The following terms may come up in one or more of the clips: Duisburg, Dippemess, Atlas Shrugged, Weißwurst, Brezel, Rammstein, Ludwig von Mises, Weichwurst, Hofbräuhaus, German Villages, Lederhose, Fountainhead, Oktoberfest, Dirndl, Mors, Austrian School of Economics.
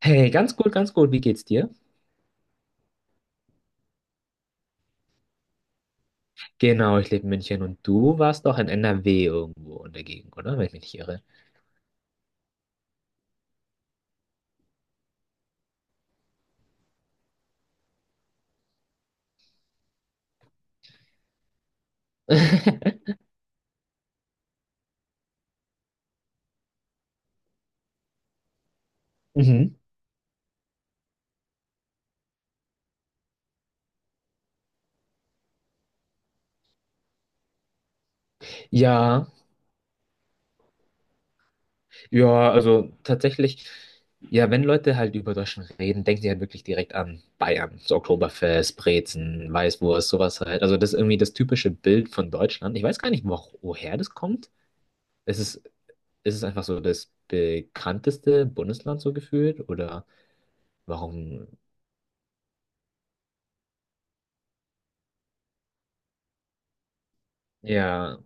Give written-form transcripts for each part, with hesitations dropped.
Hey, ganz gut, ganz gut. Wie geht's dir? Genau, ich lebe in München und du warst doch in NRW irgendwo in der Gegend, oder? Wenn ich mich nicht irre. Mhm. Ja, ja, also tatsächlich, ja, wenn Leute halt über Deutschland reden, denken sie halt wirklich direkt an Bayern. So Oktoberfest, Brezen, Weißwurst, sowas halt. Also das ist irgendwie das typische Bild von Deutschland. Ich weiß gar nicht, woher das kommt. Es ist, Es ist einfach so das bekannteste Bundesland so gefühlt oder warum? Ja,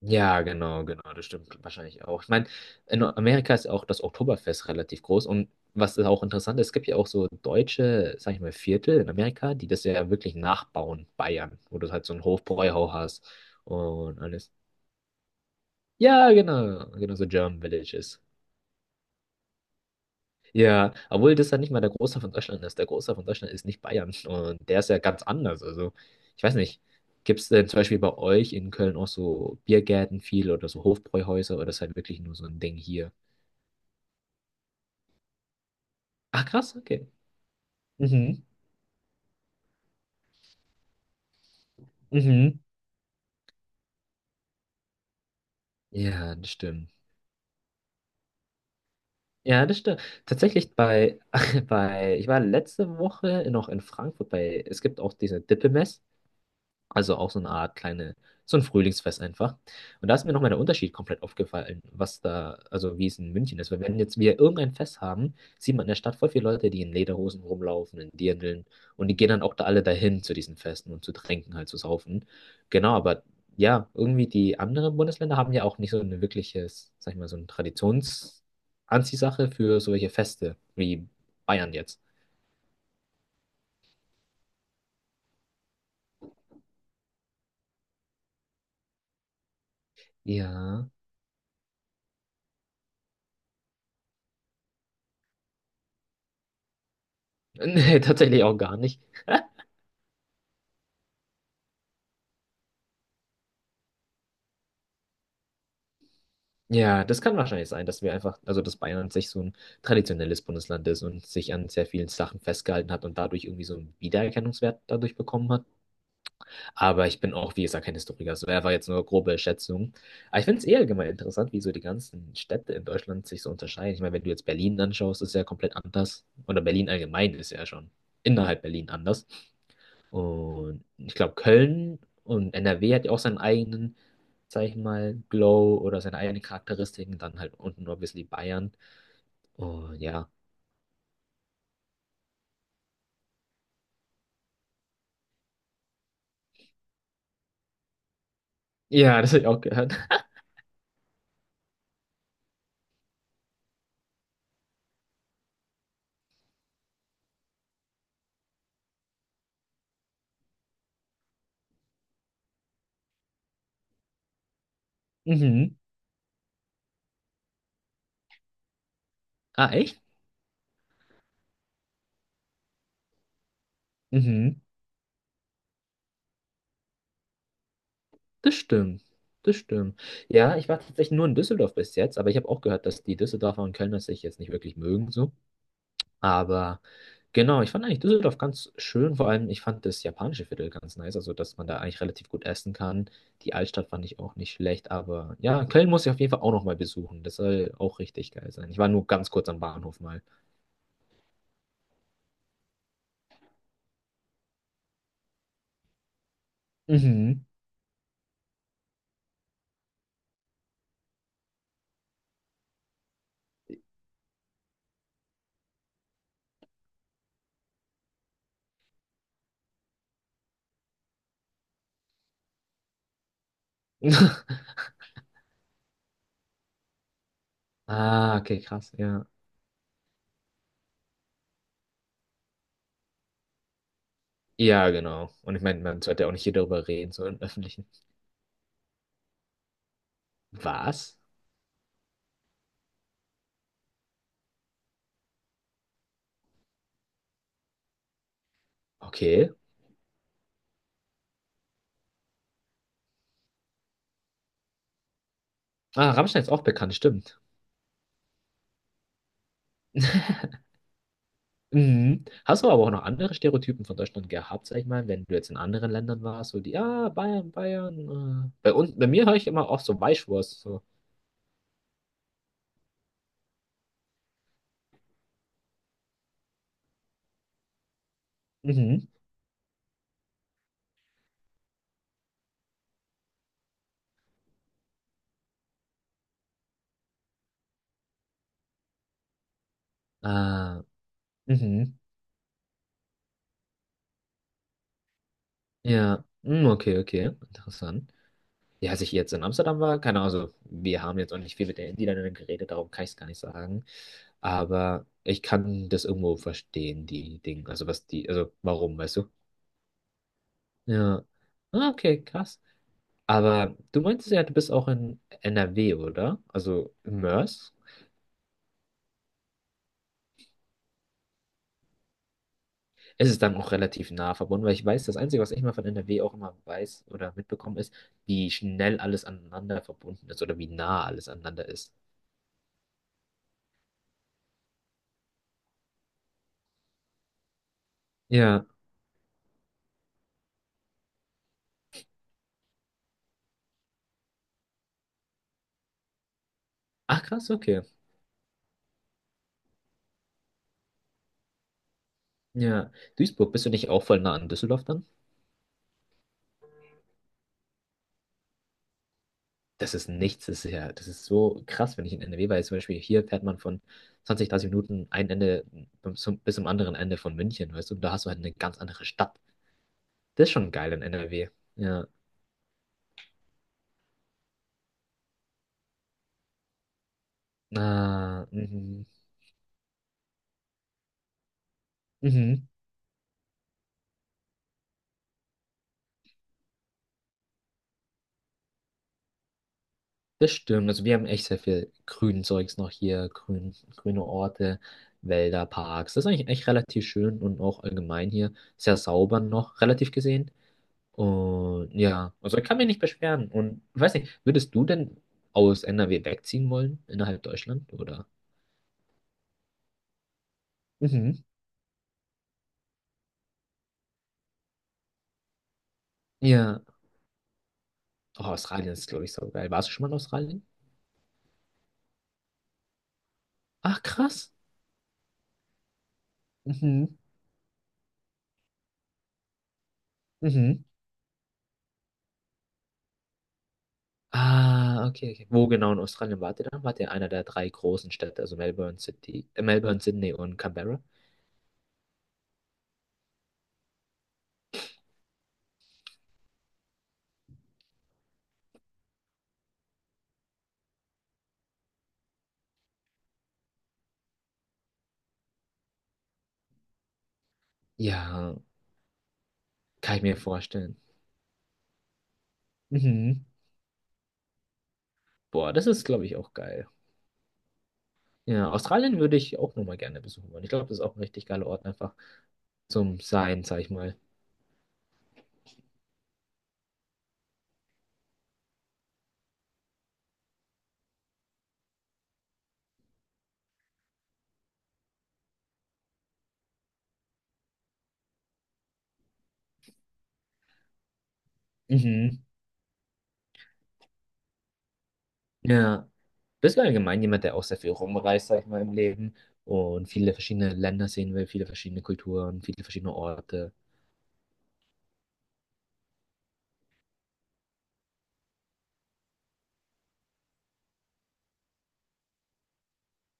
ja, genau, das stimmt wahrscheinlich auch. Ich meine, in Amerika ist ja auch das Oktoberfest relativ groß und was da auch interessant ist, es gibt ja auch so deutsche, sag ich mal, Viertel in Amerika, die das ja wirklich nachbauen, Bayern, wo du halt so einen Hofbräuhaus hast und alles. Ja, genau, genau so German Villages. Ja, obwohl das ja nicht mal der Großteil von Deutschland ist. Der Großteil von Deutschland ist nicht Bayern und der ist ja ganz anders. Also, ich weiß nicht, gibt es denn zum Beispiel bei euch in Köln auch so Biergärten viel oder so Hofbräuhäuser oder ist halt wirklich nur so ein Ding hier? Ach krass, okay. Mhm. Mhm. Ja, das stimmt. Ja, das stimmt. Tatsächlich bei, ich war letzte Woche noch in Frankfurt bei, es gibt auch diese Dippemess. Also auch so eine Art kleine, so ein Frühlingsfest einfach. Und da ist mir nochmal der Unterschied komplett aufgefallen, was da, also wie es in München ist. Weil wenn jetzt wir irgendein Fest haben, sieht man in der Stadt voll viele Leute, die in Lederhosen rumlaufen, in Dirndeln. Und die gehen dann auch da alle dahin zu diesen Festen und zu trinken, halt zu saufen. Genau, aber ja, irgendwie die anderen Bundesländer haben ja auch nicht so eine wirkliches, sag ich mal, so eine Traditionsanziehsache für solche Feste, wie Bayern jetzt. Ja, nee, tatsächlich auch gar nicht. Ja, das kann wahrscheinlich sein, dass wir einfach, also dass Bayern an sich so ein traditionelles Bundesland ist und sich an sehr vielen Sachen festgehalten hat und dadurch irgendwie so einen Wiedererkennungswert dadurch bekommen hat. Aber ich bin auch, wie gesagt, kein Historiker. Es wäre jetzt nur grobe Schätzung. Aber ich finde es eh allgemein interessant, wie so die ganzen Städte in Deutschland sich so unterscheiden. Ich meine, wenn du jetzt Berlin anschaust, ist ja komplett anders. Oder Berlin allgemein ist ja schon innerhalb Berlin anders. Und ich glaube, Köln und NRW hat ja auch seinen eigenen, sag ich mal, Glow oder seine eigenen Charakteristiken. Dann halt unten nur ein die Bayern. Und ja. Ja, das habe ich auch gehört. Mhm. Ah, echt? Mhm. Das stimmt. Das stimmt. Ja, ich war tatsächlich nur in Düsseldorf bis jetzt, aber ich habe auch gehört, dass die Düsseldorfer und Kölner sich jetzt nicht wirklich mögen, so. Aber genau, ich fand eigentlich Düsseldorf ganz schön. Vor allem, ich fand das japanische Viertel ganz nice. Also, dass man da eigentlich relativ gut essen kann. Die Altstadt fand ich auch nicht schlecht. Aber ja, Köln muss ich auf jeden Fall auch nochmal besuchen. Das soll auch richtig geil sein. Ich war nur ganz kurz am Bahnhof mal. Mhm. Ah, okay, krass, ja. Ja, genau. Und ich meine, man sollte auch nicht hier darüber reden, so im Öffentlichen. Was? Okay. Ah, Rammstein ist auch bekannt, stimmt. Mhm. Hast du aber auch noch andere Stereotypen von Deutschland gehabt, sag ich mal, wenn du jetzt in anderen Ländern warst, so die, ja, Bayern, Bayern. Bei uns, bei mir höre ich immer auch so Weichwurst, so. Mhm. Äh, mhm. Ja, mm, okay, okay, interessant. Ja, als ich jetzt in Amsterdam war, keine Ahnung, also wir haben jetzt auch nicht viel mit den Niederländern geredet, darum kann ich es gar nicht sagen. Aber ich kann das irgendwo verstehen, die Dinge, also was die, also warum, weißt du? Ja. Ah, okay, krass. Aber du meintest ja, du bist auch in NRW, oder? Also in Mörs. Es ist dann auch relativ nah verbunden, weil ich weiß, das Einzige, was ich mal von NRW auch immer weiß oder mitbekommen ist, wie schnell alles aneinander verbunden ist oder wie nah alles aneinander ist. Ja. Ach krass, okay. Ja. Duisburg, bist du nicht auch voll nah an Düsseldorf dann? Das ist nichts, das ist ja, das ist so krass, wenn ich in NRW war. Jetzt zum Beispiel hier fährt man von 20, 30 Minuten ein Ende bis zum anderen Ende von München, weißt du? Und da hast du halt eine ganz andere Stadt. Das ist schon geil in NRW. Ja. Ah, mhm. Mhm. Das stimmt. Also wir haben echt sehr viel grünen Zeugs noch hier, grüne Orte, Wälder, Parks. Das ist eigentlich echt relativ schön und auch allgemein hier sehr sauber noch, relativ gesehen. Und ja, also ich kann mich nicht beschweren. Und weiß nicht, würdest du denn aus NRW wegziehen wollen, innerhalb Deutschland, oder? Mhm. Ja. Oh, Australien ist, glaube ich, so geil. Warst du schon mal in Australien? Ach, krass. Mhm. Mhm. Ah, okay, okay. Wo genau in Australien wart ihr dann? Wart ihr in einer der drei großen Städte, also Melbourne, Sydney und Canberra? Ja, kann ich mir vorstellen. Mhm. Boah, das ist, glaube ich, auch geil. Ja, Australien würde ich auch nochmal gerne besuchen wollen. Ich glaube, das ist auch ein richtig geiler Ort einfach zum Sein, sag ich mal. Mhm. Ja. Bist du allgemein jemand, der auch sehr viel rumreist, sag ich mal, im Leben und viele verschiedene Länder sehen will, viele verschiedene Kulturen, viele verschiedene Orte?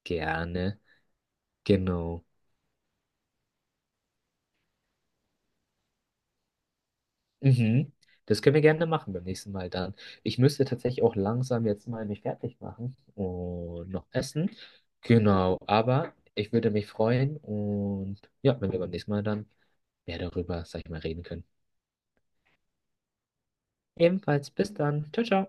Gerne. Genau. Mhm. Das können wir gerne machen beim nächsten Mal dann. Ich müsste tatsächlich auch langsam jetzt mal mich fertig machen und noch essen. Genau, aber ich würde mich freuen und ja, wenn wir beim nächsten Mal dann mehr darüber, sag ich mal, reden können. Ebenfalls bis dann. Ciao, ciao.